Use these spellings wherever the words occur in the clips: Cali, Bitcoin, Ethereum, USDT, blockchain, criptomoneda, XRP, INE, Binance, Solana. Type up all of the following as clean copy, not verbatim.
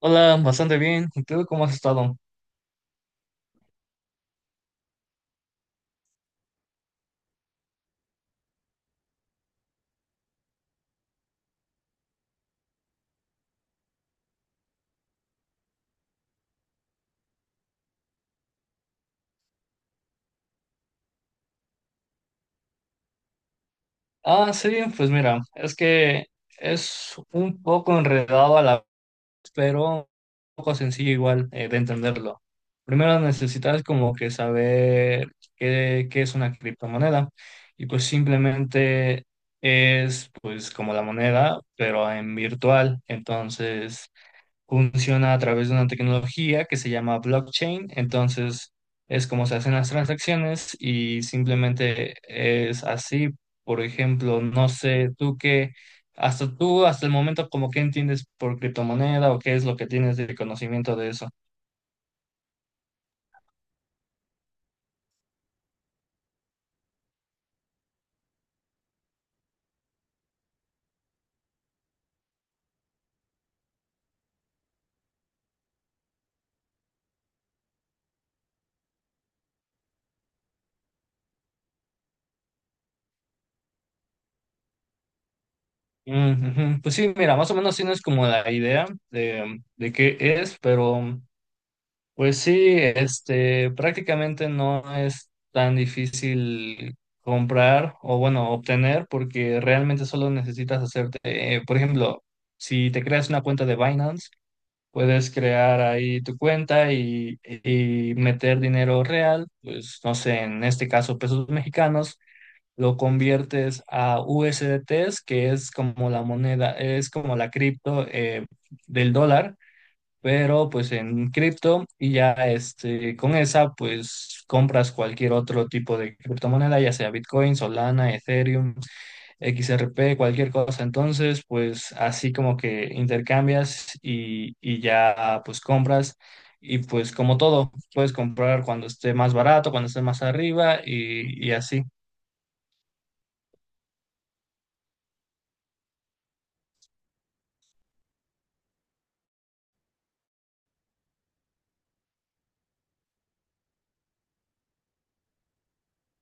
Hola, bastante bien. ¿Y tú cómo has estado? Ah, sí, pues mira, es que es un poco enredado a la vez, pero un poco sencillo igual de entenderlo. Primero necesitas como que saber qué es una criptomoneda y pues simplemente es pues como la moneda, pero en virtual. Entonces, funciona a través de una tecnología que se llama blockchain. Entonces, es como se hacen las transacciones y simplemente es así. Por ejemplo, no sé, tú qué, hasta tú, hasta el momento, como qué entiendes por criptomoneda o qué es lo que tienes de conocimiento de eso. Mm, ujú. Pues sí, mira, más o menos tienes como la idea de qué es, pero. Pues sí, este, prácticamente no es tan difícil comprar o bueno, obtener porque realmente solo necesitas hacerte, por ejemplo, si te creas una cuenta de Binance, puedes crear ahí tu cuenta y meter dinero real, pues no sé, en este caso pesos mexicanos, lo conviertes a USDTs, que es como la moneda, es como la cripto del dólar, pero pues en cripto, y ya este, con esa pues compras cualquier otro tipo de criptomoneda, ya sea Bitcoin, Solana, Ethereum, XRP, cualquier cosa. Entonces pues así como que intercambias y ya pues compras, y pues como todo, puedes comprar cuando esté más barato, cuando esté más arriba, y así.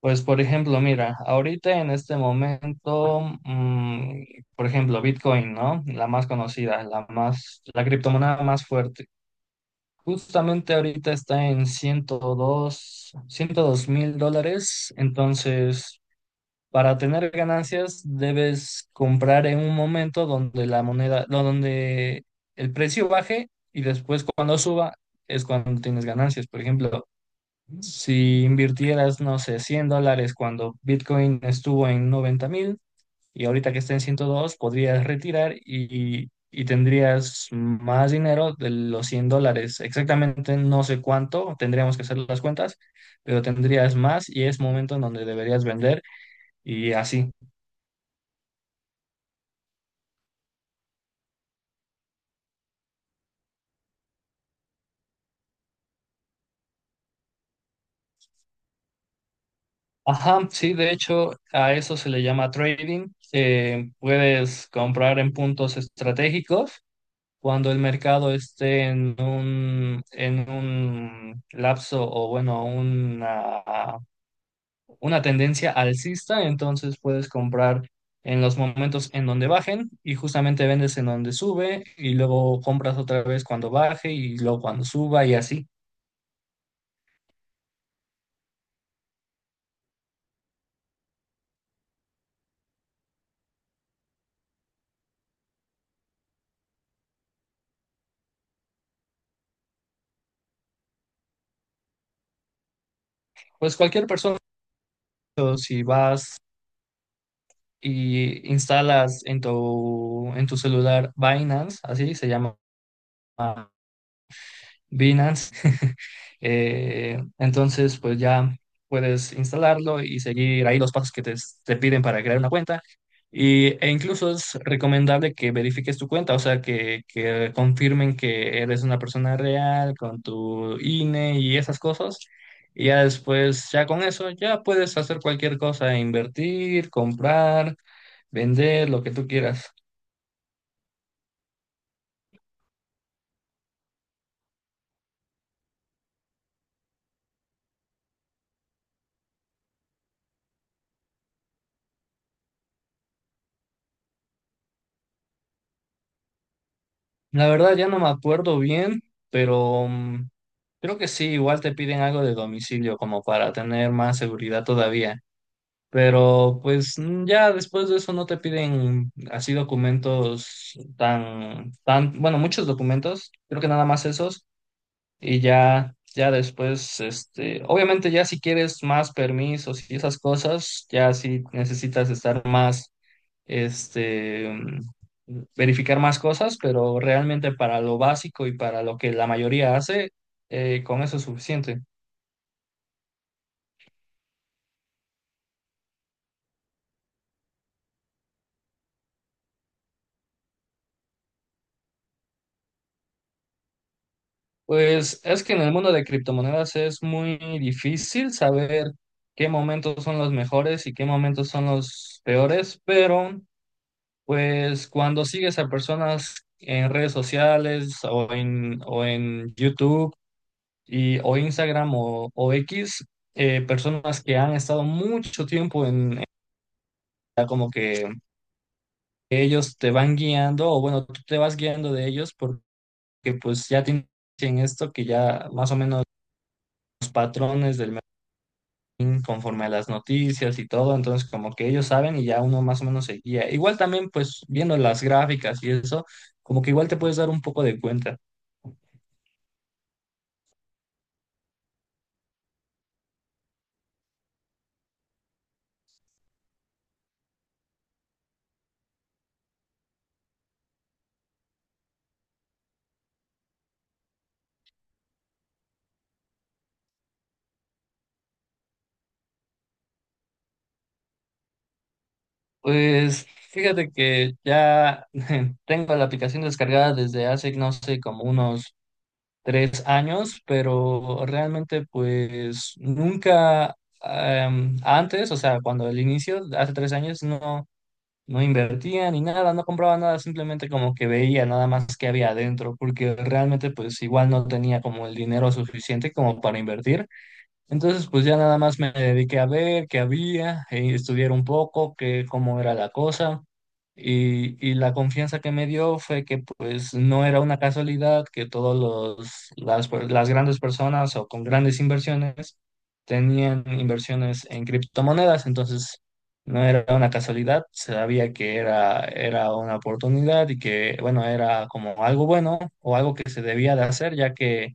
Pues por ejemplo, mira, ahorita en este momento, por ejemplo, Bitcoin, ¿no? La más conocida, la criptomoneda más fuerte. Justamente ahorita está en 102,000 dólares. Entonces, para tener ganancias, debes comprar en un momento donde la moneda, no, donde el precio baje, y después cuando suba es cuando tienes ganancias. Por ejemplo, si invirtieras, no sé, 100 dólares cuando Bitcoin estuvo en 90,000 y ahorita que está en 102, podrías retirar y tendrías más dinero de los 100 dólares. Exactamente no sé cuánto, tendríamos que hacer las cuentas, pero tendrías más, y es momento en donde deberías vender y así. Ajá, sí, de hecho, a eso se le llama trading. Puedes comprar en puntos estratégicos cuando el mercado esté en un lapso o bueno, una tendencia alcista; entonces puedes comprar en los momentos en donde bajen, y justamente vendes en donde sube, y luego compras otra vez cuando baje, y luego cuando suba, y así. Pues cualquier persona, o si vas y instalas en tu celular Binance, así se llama Binance. Entonces, pues ya puedes instalarlo y seguir ahí los pasos que te piden para crear una cuenta. E incluso es recomendable que verifiques tu cuenta, o sea, que confirmen que eres una persona real con tu INE y esas cosas. Y ya después, ya con eso, ya puedes hacer cualquier cosa, invertir, comprar, vender, lo que tú quieras. La verdad ya no me acuerdo bien, pero creo que sí, igual te piden algo de domicilio como para tener más seguridad todavía. Pero pues ya después de eso no te piden así documentos bueno, muchos documentos, creo que nada más esos. Y ya después, este, obviamente ya si quieres más permisos y esas cosas, ya sí necesitas estar más este, verificar más cosas, pero realmente para lo básico y para lo que la mayoría hace, con eso es suficiente. Pues es que en el mundo de criptomonedas es muy difícil saber qué momentos son los mejores y qué momentos son los peores, pero pues cuando sigues a personas en redes sociales o o en YouTube o Instagram o X, personas que han estado mucho tiempo, ya como que ellos te van guiando, o bueno, tú te vas guiando de ellos, porque pues ya tienen esto, que ya más o menos los patrones del mercadín conforme a las noticias y todo, entonces como que ellos saben y ya uno más o menos se guía. Igual también pues viendo las gráficas y eso, como que igual te puedes dar un poco de cuenta. Pues fíjate que ya tengo la aplicación descargada desde hace, no sé, como unos 3 años, pero realmente pues nunca antes, o sea, cuando el inicio, hace 3 años, no, no invertía ni nada, no compraba nada, simplemente como que veía nada más que había adentro, porque realmente pues igual no tenía como el dinero suficiente como para invertir. Entonces, pues ya nada más me dediqué a ver qué había, estudiar un poco, cómo era la cosa. Y la confianza que me dio fue que pues no era una casualidad que todos las grandes personas o con grandes inversiones tenían inversiones en criptomonedas; entonces no era una casualidad, sabía que era una oportunidad y que bueno, era como algo bueno o algo que se debía de hacer, ya que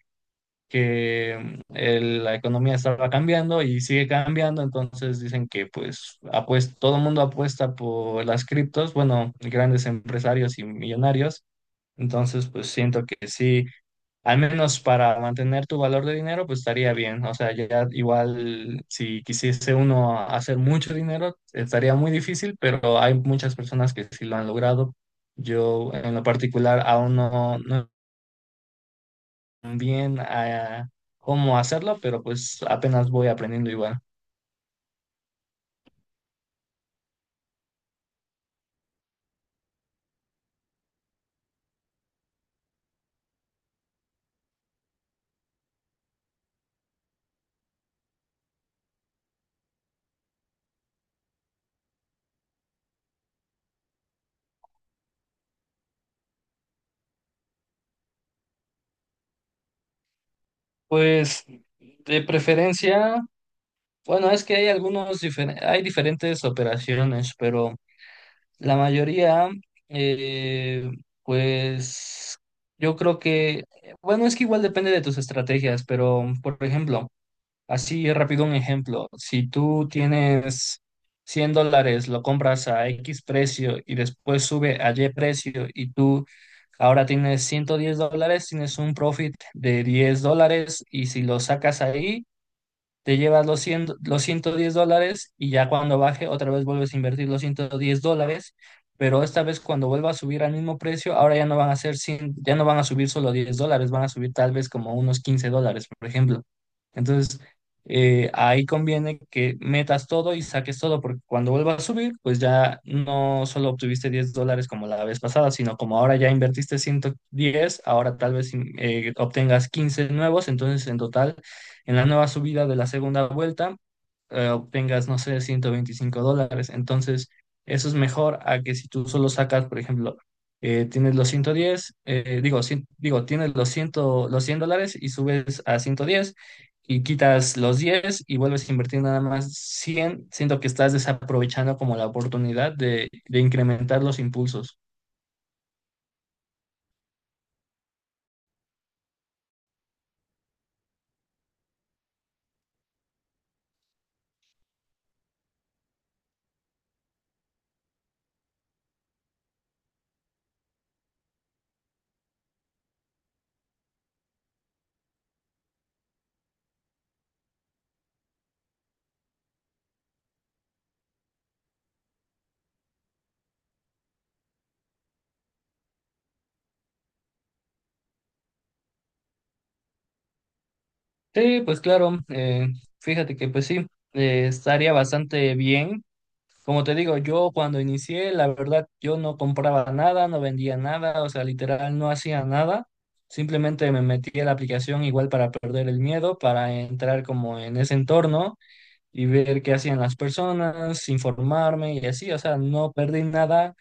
la economía estaba cambiando y sigue cambiando, entonces dicen que pues todo el mundo apuesta por las criptos, bueno, grandes empresarios y millonarios, entonces pues siento que sí, al menos para mantener tu valor de dinero pues estaría bien, o sea, ya igual si quisiese uno hacer mucho dinero estaría muy difícil, pero hay muchas personas que sí lo han logrado. Yo en lo particular aún no, no bien a cómo hacerlo, pero pues apenas voy aprendiendo igual. Pues de preferencia, bueno, es que hay algunos, hay diferentes operaciones, pero la mayoría, eh, pues yo creo que, bueno, es que igual depende de tus estrategias, pero por ejemplo, así rápido un ejemplo: si tú tienes 100 dólares, lo compras a X precio y después sube a Y precio y tú ahora tienes 110 dólares, tienes un profit de 10 dólares, y si lo sacas ahí, te llevas los cien, los 110 dólares, y ya cuando baje otra vez vuelves a invertir los 110 dólares, pero esta vez cuando vuelva a subir al mismo precio, ahora ya no van a ser cien, ya no van a subir solo 10 dólares, van a subir tal vez como unos 15 dólares, por ejemplo. Entonces, ahí conviene que metas todo y saques todo, porque cuando vuelva a subir, pues ya no solo obtuviste 10 dólares como la vez pasada, sino como ahora ya invertiste 110, ahora tal vez obtengas 15 nuevos, entonces en total en la nueva subida de la segunda vuelta obtengas, no sé, 125 dólares. Entonces, eso es mejor a que si tú solo sacas, por ejemplo, tienes los 110, digo, digo, tienes los 100, los 100 dólares, y subes a 110 y quitas los 10 y vuelves a invertir nada más cien; siento que estás desaprovechando como la oportunidad de incrementar los impulsos. Sí, pues claro, fíjate que pues sí, estaría bastante bien. Como te digo, yo cuando inicié, la verdad, yo no compraba nada, no vendía nada, o sea, literal no hacía nada. Simplemente me metí a la aplicación igual para perder el miedo, para entrar como en ese entorno y ver qué hacían las personas, informarme y así, o sea, no perdí nada,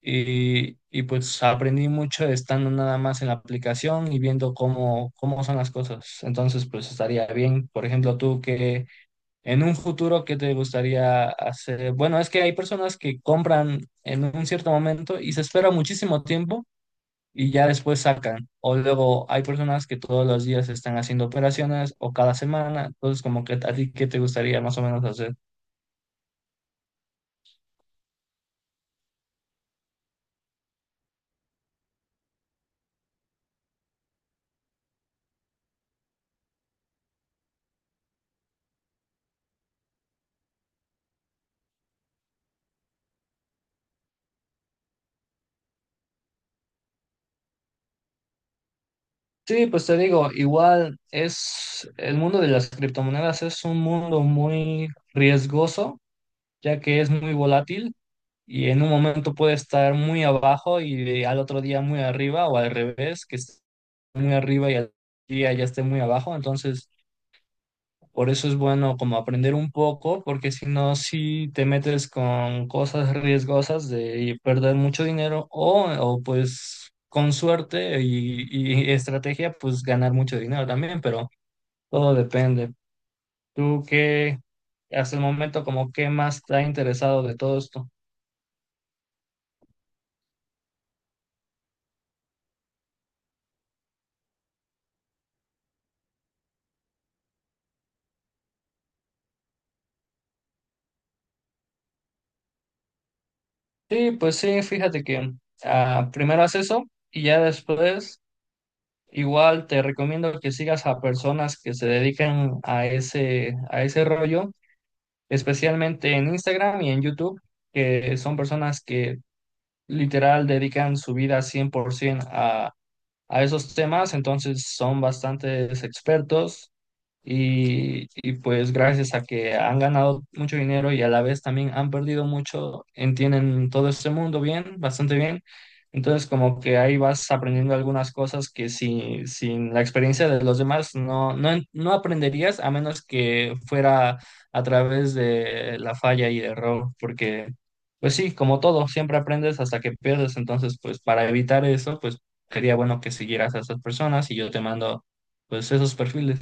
y pues aprendí mucho estando nada más en la aplicación y viendo cómo son las cosas. Entonces, pues estaría bien. Por ejemplo, tú que en un futuro, ¿qué te gustaría hacer? Bueno, es que hay personas que compran en un cierto momento y se espera muchísimo tiempo y ya después sacan. O luego hay personas que todos los días están haciendo operaciones o cada semana. Entonces, como que a ti, ¿qué te gustaría más o menos hacer? Sí, pues te digo, igual es el mundo de las criptomonedas, es un mundo muy riesgoso, ya que es muy volátil, y en un momento puede estar muy abajo y al otro día muy arriba, o al revés, que esté muy arriba y al día ya esté muy abajo. Entonces, por eso es bueno como aprender un poco, porque si no, si te metes con cosas riesgosas de perder mucho dinero, o pues con suerte y estrategia, pues ganar mucho dinero también, pero todo depende. ¿Tú qué, hasta el momento, como qué más te ha interesado de todo esto? Sí, pues sí, fíjate que primero haz eso y ya después igual te recomiendo que sigas a personas que se dedican a ese rollo, especialmente en Instagram y en YouTube, que son personas que literal dedican su vida 100% a esos temas, entonces son bastantes expertos, y pues gracias a que han ganado mucho dinero y a la vez también han perdido mucho, entienden todo este mundo bien, bastante bien. Entonces como que ahí vas aprendiendo algunas cosas que sin la experiencia de los demás no, no aprenderías a menos que fuera a través de la falla y error, porque. Pues sí, como todo, siempre aprendes hasta que pierdes, entonces pues para evitar eso, pues sería bueno que siguieras a esas personas y yo te mando pues esos perfiles.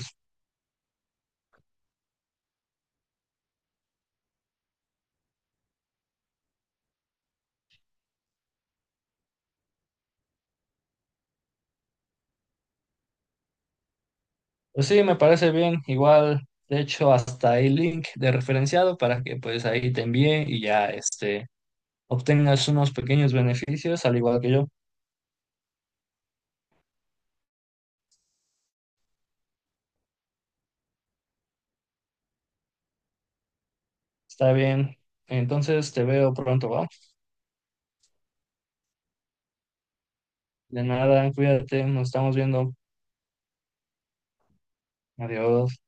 Pues sí, me parece bien. Igual, de hecho, hasta hay link de referenciado para que pues ahí te envíe y ya este obtengas unos pequeños beneficios al igual que yo. Está bien. Entonces te veo pronto, ¿va? De nada, cuídate, nos estamos viendo. Adiós.